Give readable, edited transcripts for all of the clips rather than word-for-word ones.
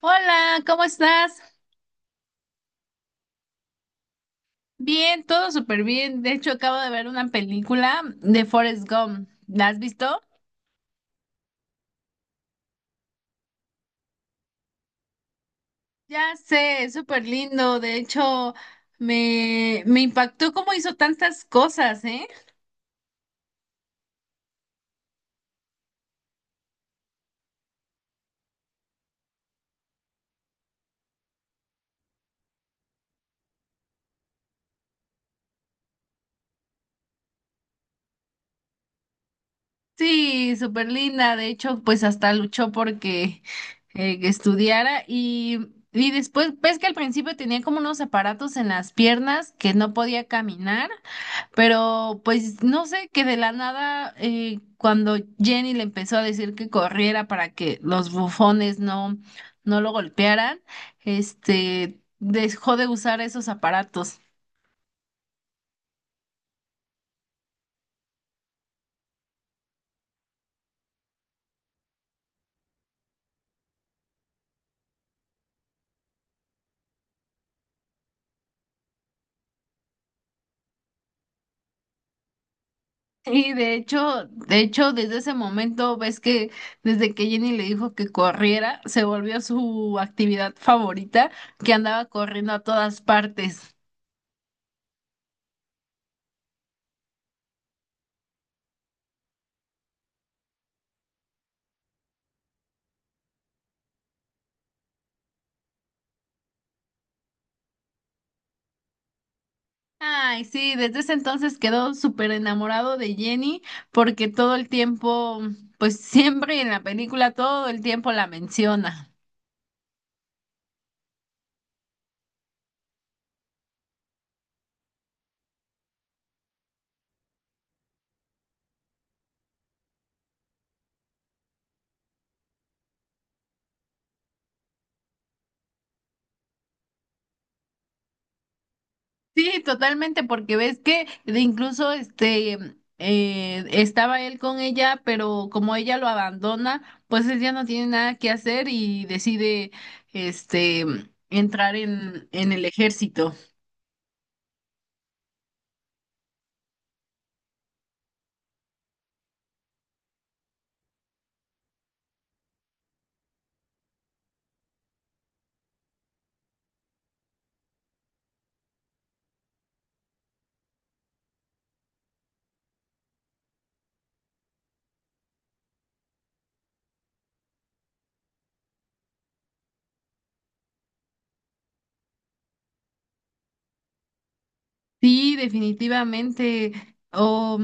Hola, ¿cómo estás? Bien, todo súper bien. De hecho, acabo de ver una película de Forrest Gump. ¿La has visto? Ya sé, es súper lindo. De hecho, me impactó cómo hizo tantas cosas, ¿eh? Sí, súper linda. De hecho, pues hasta luchó porque que estudiara y después, ves que al principio tenía como unos aparatos en las piernas que no podía caminar. Pero pues no sé, que de la nada, cuando Jenny le empezó a decir que corriera para que los bufones no lo golpearan, este dejó de usar esos aparatos. Y de hecho, desde ese momento ves que desde que Jenny le dijo que corriera, se volvió su actividad favorita, que andaba corriendo a todas partes. Ay, sí, desde ese entonces quedó súper enamorado de Jenny porque todo el tiempo, pues siempre en la película, todo el tiempo la menciona. Sí, totalmente, porque ves que de incluso estaba él con ella, pero como ella lo abandona, pues él ya no tiene nada que hacer y decide este entrar en el ejército. Sí, definitivamente. O,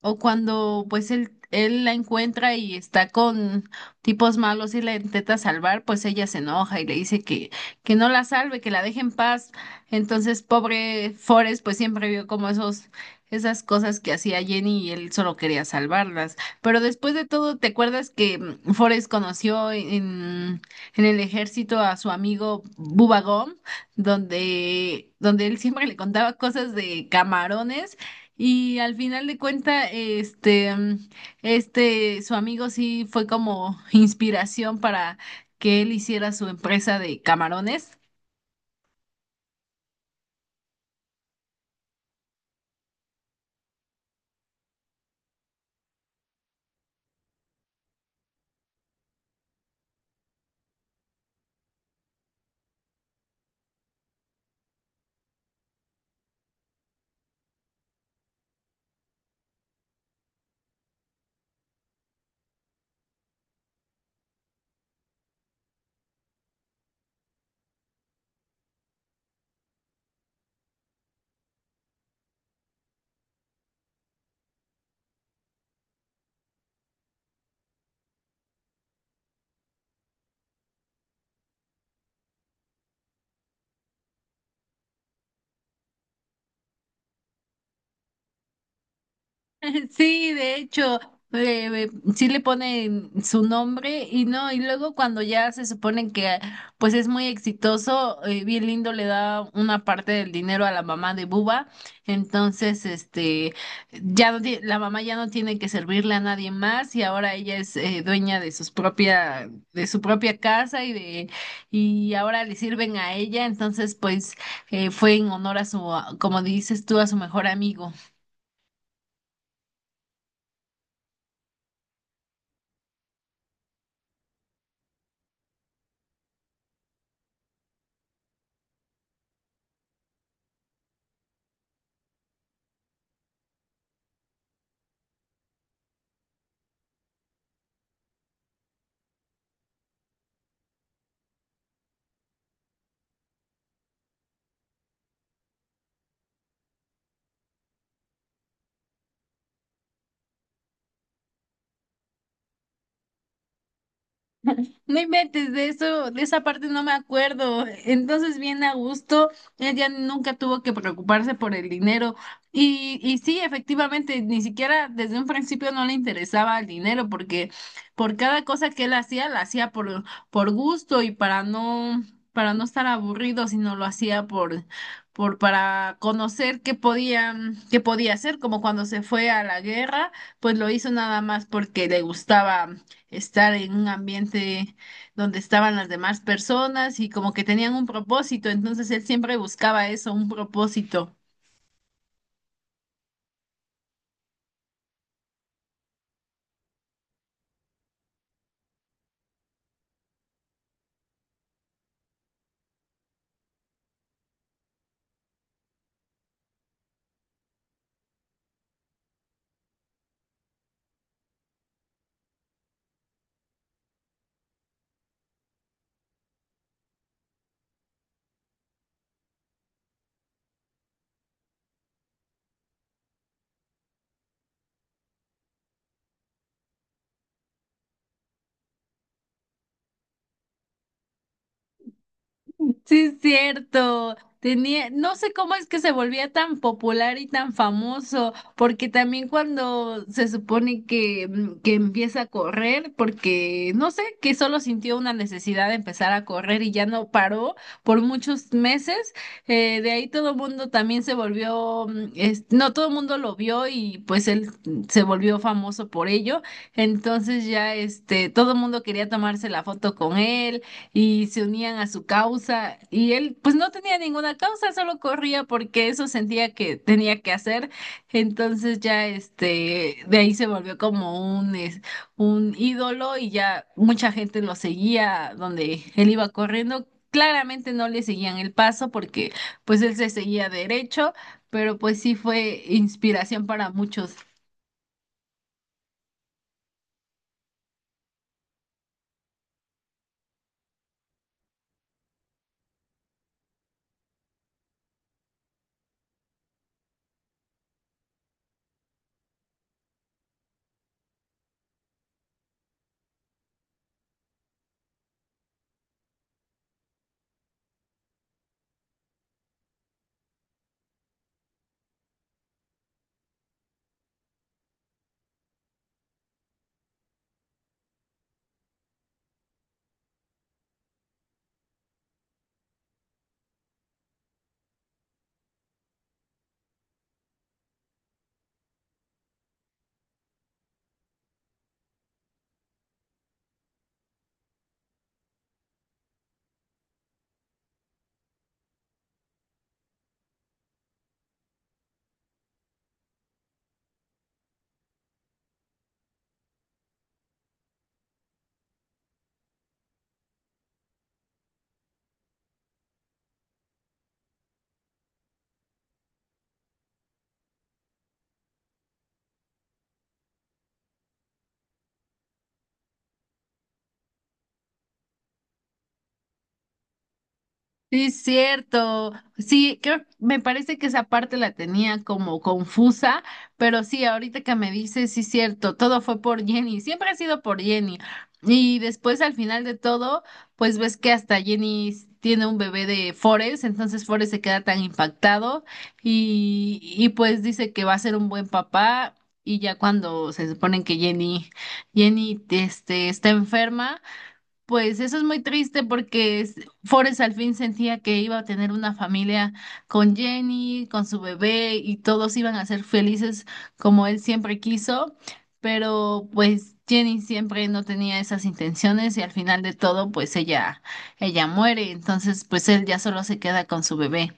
o cuando pues él la encuentra y está con tipos malos y la intenta salvar, pues ella se enoja y le dice que no la salve, que la deje en paz. Entonces, pobre Forrest, pues siempre vio como esas cosas que hacía Jenny y él solo quería salvarlas. Pero después de todo, ¿te acuerdas que Forrest conoció en el ejército a su amigo Bubba Gump? Donde donde, él siempre le contaba cosas de camarones y al final de cuenta, su amigo sí fue como inspiración para que él hiciera su empresa de camarones. Sí, de hecho, sí le ponen su nombre y no, y luego cuando ya se supone que pues es muy exitoso, bien lindo le da una parte del dinero a la mamá de Buba, entonces este ya no ti- la mamá ya no tiene que servirle a nadie más y ahora ella es dueña de sus propia de su propia casa y de y ahora le sirven a ella, entonces pues fue en honor a su como dices tú a su mejor amigo. No inventes de eso, de esa parte no me acuerdo. Entonces, bien a gusto, ella nunca tuvo que preocuparse por el dinero. Y sí, efectivamente, ni siquiera desde un principio no le interesaba el dinero, porque por cada cosa que él hacía, la hacía por gusto y para para no estar aburrido, sino lo hacía para conocer qué qué podía hacer, como cuando se fue a la guerra, pues lo hizo nada más porque le gustaba estar en un ambiente donde estaban las demás personas y como que tenían un propósito, entonces él siempre buscaba eso, un propósito. Sí, es cierto. Tenía, no sé cómo es que se volvía tan popular y tan famoso, porque también cuando se supone que, que empieza a correr, porque no sé, que solo sintió una necesidad de empezar a correr y ya no paró por muchos meses, de ahí todo el mundo también se volvió, es- no todo el mundo lo vio y pues él se volvió famoso por ello, entonces ya este, todo el mundo quería tomarse la foto con él y se unían a su causa y él pues no tenía ninguna causa, solo corría porque eso sentía que tenía que hacer. Entonces ya este de ahí se volvió como un es- un ídolo y ya mucha gente lo seguía donde él iba corriendo. Claramente no le seguían el paso porque pues él se seguía derecho, pero pues sí fue inspiración para muchos. Sí, es cierto. Sí, creo, me parece que esa parte la tenía como confusa, pero sí, ahorita que me dices, sí, es cierto, todo fue por Jenny, siempre ha sido por Jenny. Y después al final de todo, pues ves que hasta Jenny tiene un bebé de Forrest, entonces Forrest se queda tan impactado y pues dice que va a ser un buen papá. Y ya cuando se suponen que Jenny, este, está enferma. Pues eso es muy triste porque es- Forrest al fin sentía que iba a tener una familia con Jenny, con su bebé y todos iban a ser felices como él siempre quiso, pero pues Jenny siempre no tenía esas intenciones y al final de todo pues ella muere, entonces pues él ya solo se queda con su bebé.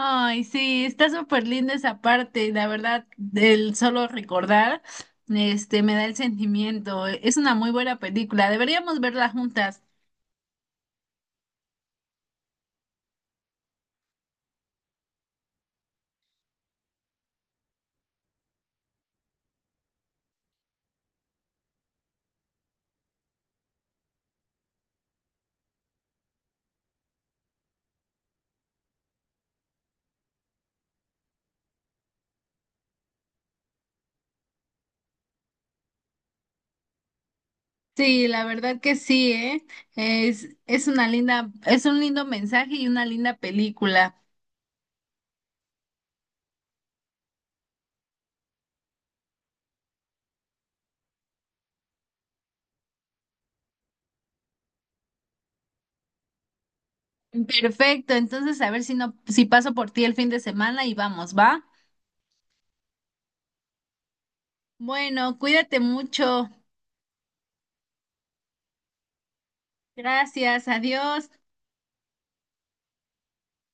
Ay, sí, está súper linda esa parte, la verdad, del solo recordar, este, me da el sentimiento. Es una muy buena película, deberíamos verla juntas. Sí, la verdad que sí, ¿eh? Es una linda, es un lindo mensaje y una linda película. Perfecto, entonces a ver si no, si paso por ti el fin de semana y vamos, ¿va? Bueno, cuídate mucho. Gracias, adiós.